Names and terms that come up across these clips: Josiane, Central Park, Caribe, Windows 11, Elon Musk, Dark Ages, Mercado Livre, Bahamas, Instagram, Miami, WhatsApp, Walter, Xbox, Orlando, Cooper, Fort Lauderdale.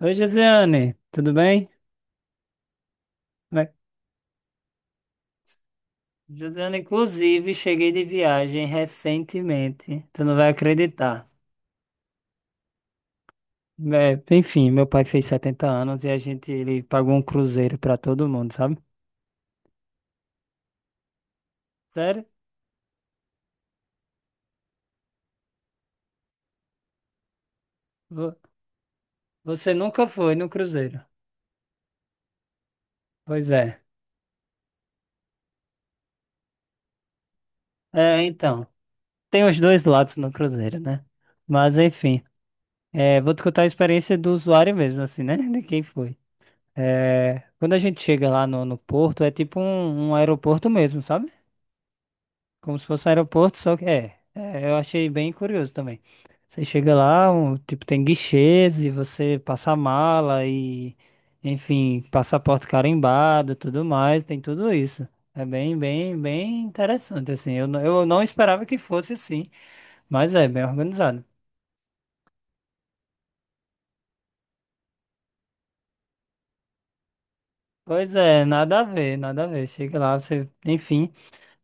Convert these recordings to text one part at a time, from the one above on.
Oi, Josiane, tudo bem? Como é- Josiane, inclusive, cheguei de viagem recentemente. Tu não vai acreditar. É, enfim, meu pai fez 70 anos e a gente, ele pagou um cruzeiro pra todo mundo, sabe? Sério? Vo- Você nunca foi no cruzeiro? Pois é. Então, tem os dois lados no cruzeiro, né? Mas, enfim, vou te contar a experiência do usuário mesmo, assim, né? De quem foi. Quando a gente chega lá no porto, é tipo um aeroporto mesmo, sabe? Como se fosse um aeroporto, só que eu achei bem curioso também. Você chega lá, tipo, tem guichês e você passa a mala e, enfim, passaporte carimbado, tudo mais, tem tudo isso. É bem interessante, assim. Eu não esperava que fosse assim, mas é bem organizado. Pois é, nada a ver, nada a ver. Chega lá, você, enfim.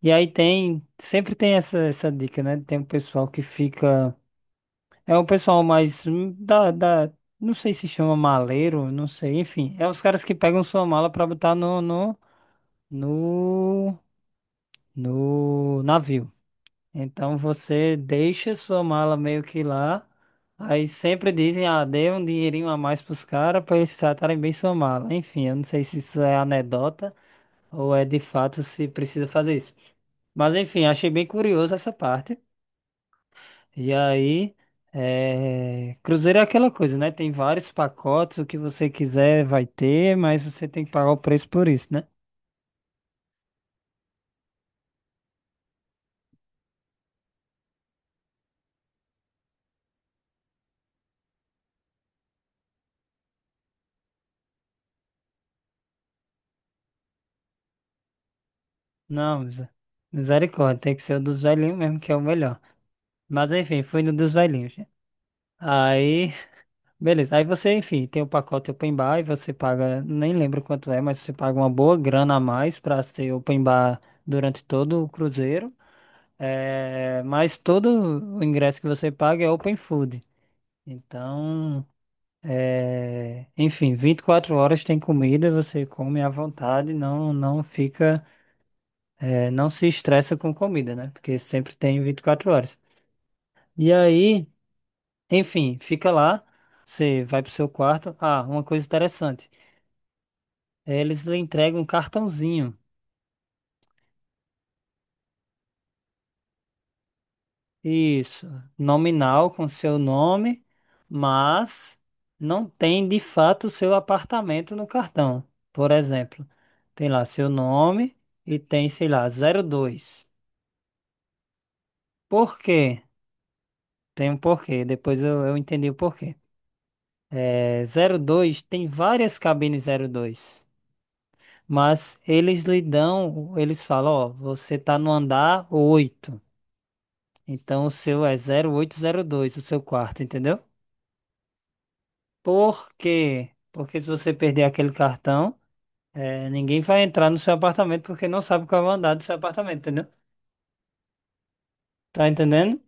E aí tem, sempre tem essa dica, né? Tem um pessoal que fica. É o pessoal mais da, não sei se chama maleiro, não sei, enfim, é os caras que pegam sua mala pra botar no, no navio. Então você deixa sua mala meio que lá, aí sempre dizem, ah, dê um dinheirinho a mais pros caras pra eles tratarem bem sua mala. Enfim, eu não sei se isso é anedota ou é de fato se precisa fazer isso. Mas enfim, achei bem curioso essa parte. E aí, cruzeiro é aquela coisa, né? Tem vários pacotes, o que você quiser vai ter, mas você tem que pagar o preço por isso, né? Não, misericórdia, tem que ser o dos velhinhos mesmo, que é o melhor. Mas enfim, fui no dos velhinhos, né? Aí, beleza. Aí você, enfim, tem o pacote open bar e você paga, nem lembro quanto é, mas você paga uma boa grana a mais pra ser open bar durante todo o cruzeiro. É, mas todo o ingresso que você paga é open food. Então. É, enfim, 24 horas tem comida, você come à vontade, não, não fica, não se estressa com comida, né? Porque sempre tem 24 horas. E aí, enfim, fica lá, você vai pro seu quarto. Ah, uma coisa interessante, eles lhe entregam um cartãozinho, isso, nominal com seu nome, mas não tem de fato o seu apartamento no cartão. Por exemplo, tem lá seu nome e tem, sei lá, 02. Por quê? Tem um porquê. Depois eu entendi o porquê. Zero dois tem várias cabines zero dois, mas eles falam, ó, você tá no andar oito, então o seu é zero zero oito zero dois o seu quarto, entendeu? Por quê? Porque se você perder aquele cartão, ninguém vai entrar no seu apartamento porque não sabe qual é o andar do seu apartamento, entendeu? Tá entendendo?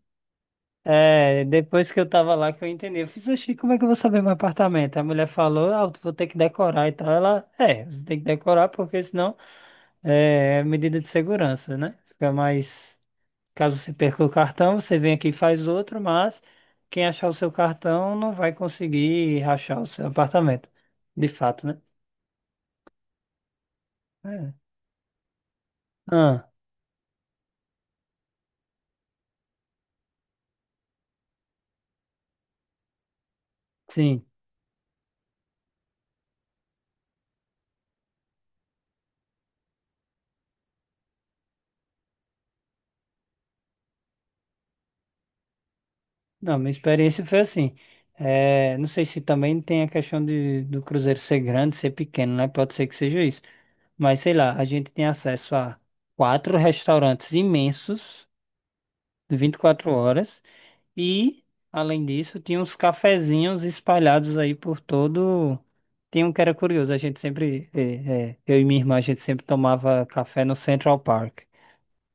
Depois que eu tava lá que eu entendi. Eu fiz, oxi, como é que eu vou saber meu apartamento? A mulher falou, ah, eu vou ter que decorar e tal. Você tem que decorar porque senão é medida de segurança, né? Fica mais. Caso você perca o cartão, você vem aqui e faz outro, mas quem achar o seu cartão não vai conseguir rachar o seu apartamento. De fato, né? É. Ah, sim. Não, minha experiência foi assim. Não sei se também tem a questão de, do cruzeiro ser grande, ser pequeno, né? Pode ser que seja isso. Mas sei lá, a gente tem acesso a quatro restaurantes imensos, de 24 horas, e, além disso, tinha uns cafezinhos espalhados aí por todo. Tinha um que era curioso, a gente sempre, eu e minha irmã, a gente sempre tomava café no Central Park,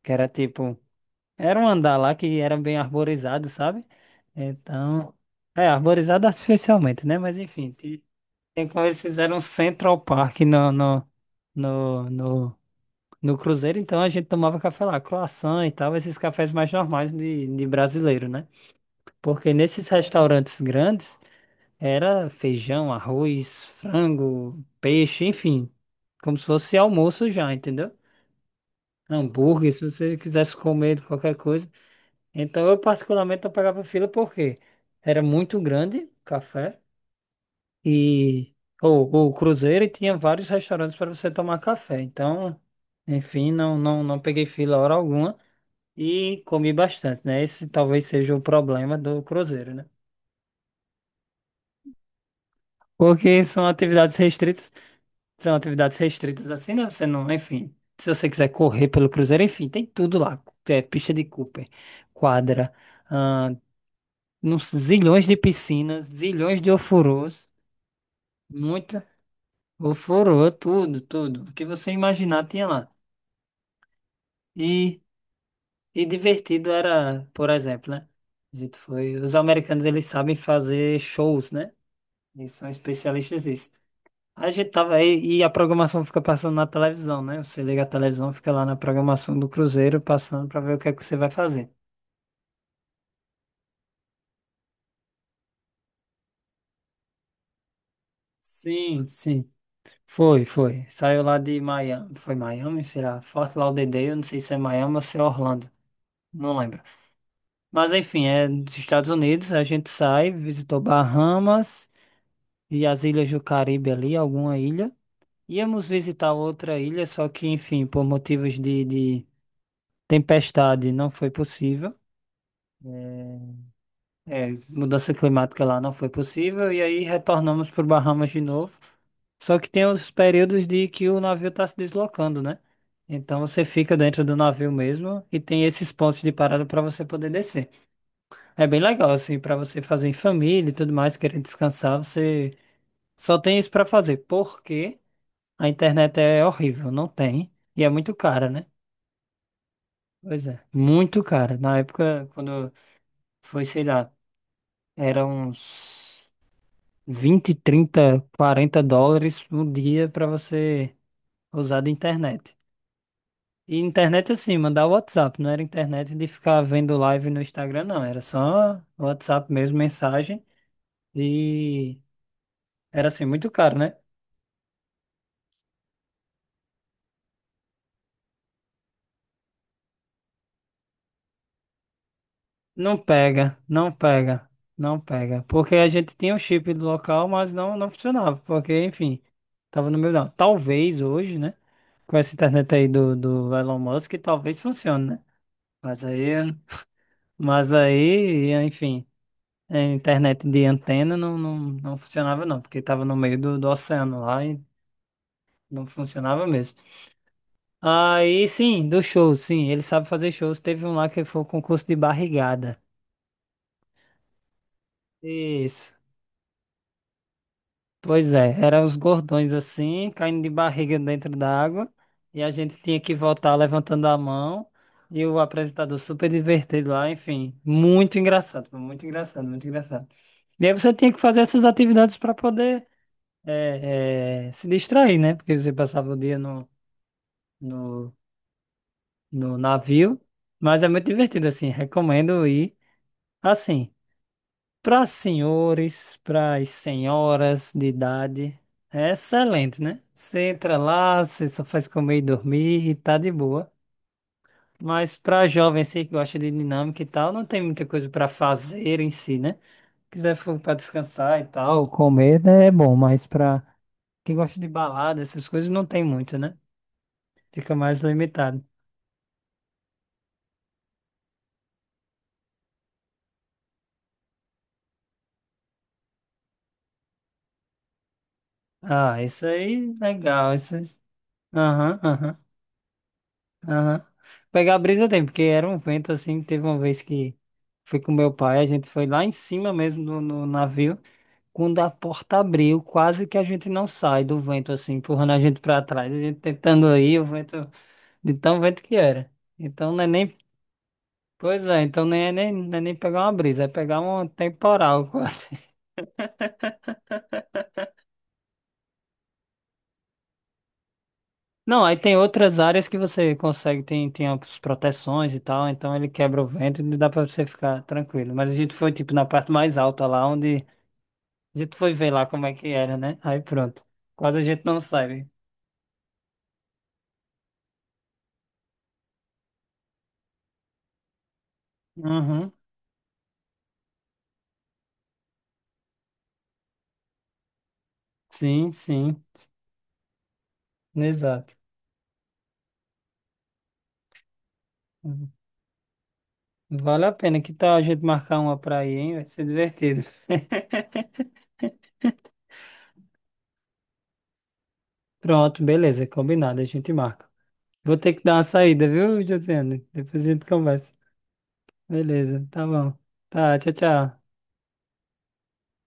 que era tipo. Era um andar lá que era bem arborizado, sabe? Então, arborizado artificialmente, né? Mas enfim, tem como eles fizeram um Central Park no, no, no Cruzeiro, então a gente tomava café lá, croissant e tal, esses cafés mais normais de brasileiro, né? Porque nesses restaurantes grandes era feijão, arroz, frango, peixe, enfim, como se fosse almoço já, entendeu? Hambúrguer, se você quisesse comer qualquer coisa. Então eu particularmente não pegava fila porque era muito grande o café e ou o cruzeiro e tinha vários restaurantes para você tomar café. Então, enfim, não peguei fila hora alguma e comi bastante, né? Esse talvez seja o problema do cruzeiro, né? Porque são atividades restritas assim, né? Você não, enfim, se você quiser correr pelo cruzeiro, enfim, tem tudo lá, é pista de Cooper, quadra, ah, nos zilhões de piscinas, zilhões de ofurôs, muita ofurô, tudo, tudo. O que você imaginar tinha lá. E, e divertido era, por exemplo, né? A gente foi, os americanos eles sabem fazer shows, né? Eles são especialistas nisso. A gente tava aí e a programação fica passando na televisão, né? Você liga a televisão, fica lá na programação do Cruzeiro passando para ver o que é que você vai fazer. Sim, sim. Foi, foi. Saiu lá de Miami. Foi Miami, será? Fort Lauderdale, eu não sei se é Miami ou se é Orlando. Não lembro. Mas enfim, é dos Estados Unidos. A gente sai, visitou Bahamas e as ilhas do Caribe ali, alguma ilha. Íamos visitar outra ilha, só que, enfim, por motivos de tempestade não foi possível. É, Mudança climática lá não foi possível, e aí retornamos para Bahamas de novo. Só que tem os períodos de que o navio está se deslocando, né? Então você fica dentro do navio mesmo e tem esses pontos de parada para você poder descer. É bem legal, assim, para você fazer em família e tudo mais, querendo descansar, você só tem isso para fazer, porque a internet é horrível, não tem, e é muito cara, né? Pois é, muito cara. Na época, quando foi, sei lá, era uns, 20, 30, 40 dólares no dia para você usar de internet. E internet assim, mandar WhatsApp, não era internet de ficar vendo live no Instagram, não. Era só WhatsApp mesmo, mensagem. E era assim, muito caro, né? Não pega, não pega, não pega. Porque a gente tinha o chip do local, mas não funcionava. Porque, enfim, tava no meu. Não. Talvez hoje, né? Com essa internet aí do Elon Musk, talvez funcione, né? Mas aí. Mas aí, enfim, a internet de antena não funcionava não, porque estava no meio do oceano lá e não funcionava mesmo. Aí sim, do show, sim, ele sabe fazer shows. Teve um lá que foi o concurso de barrigada. Isso. Pois é, eram os gordões assim, caindo de barriga dentro da água, e a gente tinha que voltar levantando a mão, e o apresentador super divertido lá, enfim, muito engraçado, muito engraçado, muito engraçado. E aí você tinha que fazer essas atividades para poder se distrair, né? Porque você passava o dia no, no navio, mas é muito divertido, assim, recomendo ir, assim, para senhores, para as senhoras de idade, é excelente, né? Você entra lá, você só faz comer e dormir e tá de boa, mas para jovens assim, que gosta de dinâmica e tal, não tem muita coisa para fazer em si, né? Quiser for para descansar e tal, comer, né, é bom, mas para quem gosta de balada, essas coisas, não tem muito, né? Fica mais limitado. Ah, isso aí, legal. Isso, aí. Aham, aham, aham. Pegar a brisa tem, porque era um vento assim. Teve uma vez que fui com meu pai, a gente foi lá em cima mesmo no navio. Quando a porta abriu, quase que a gente não sai do vento assim, empurrando a gente pra trás. A gente tentando ir, o vento, de tão vento que era. Então não é nem. Pois é, então nem é nem, não é nem pegar uma brisa, é pegar um temporal quase. Não, aí tem outras áreas que você consegue, tem as proteções e tal, então ele quebra o vento e dá pra você ficar tranquilo. Mas a gente foi, tipo, na parte mais alta lá, onde a gente foi ver lá como é que era, né? Aí pronto. Quase a gente não sabe. Uhum. Sim, sim, exato. Uhum. Vale a pena. Que tal a gente marcar uma pra ir, hein? Vai ser divertido. Pronto, beleza, combinado, a gente marca. Vou ter que dar uma saída, viu, Josiane? Depois a gente conversa. Beleza, tá bom. Tá, tchau, tchau.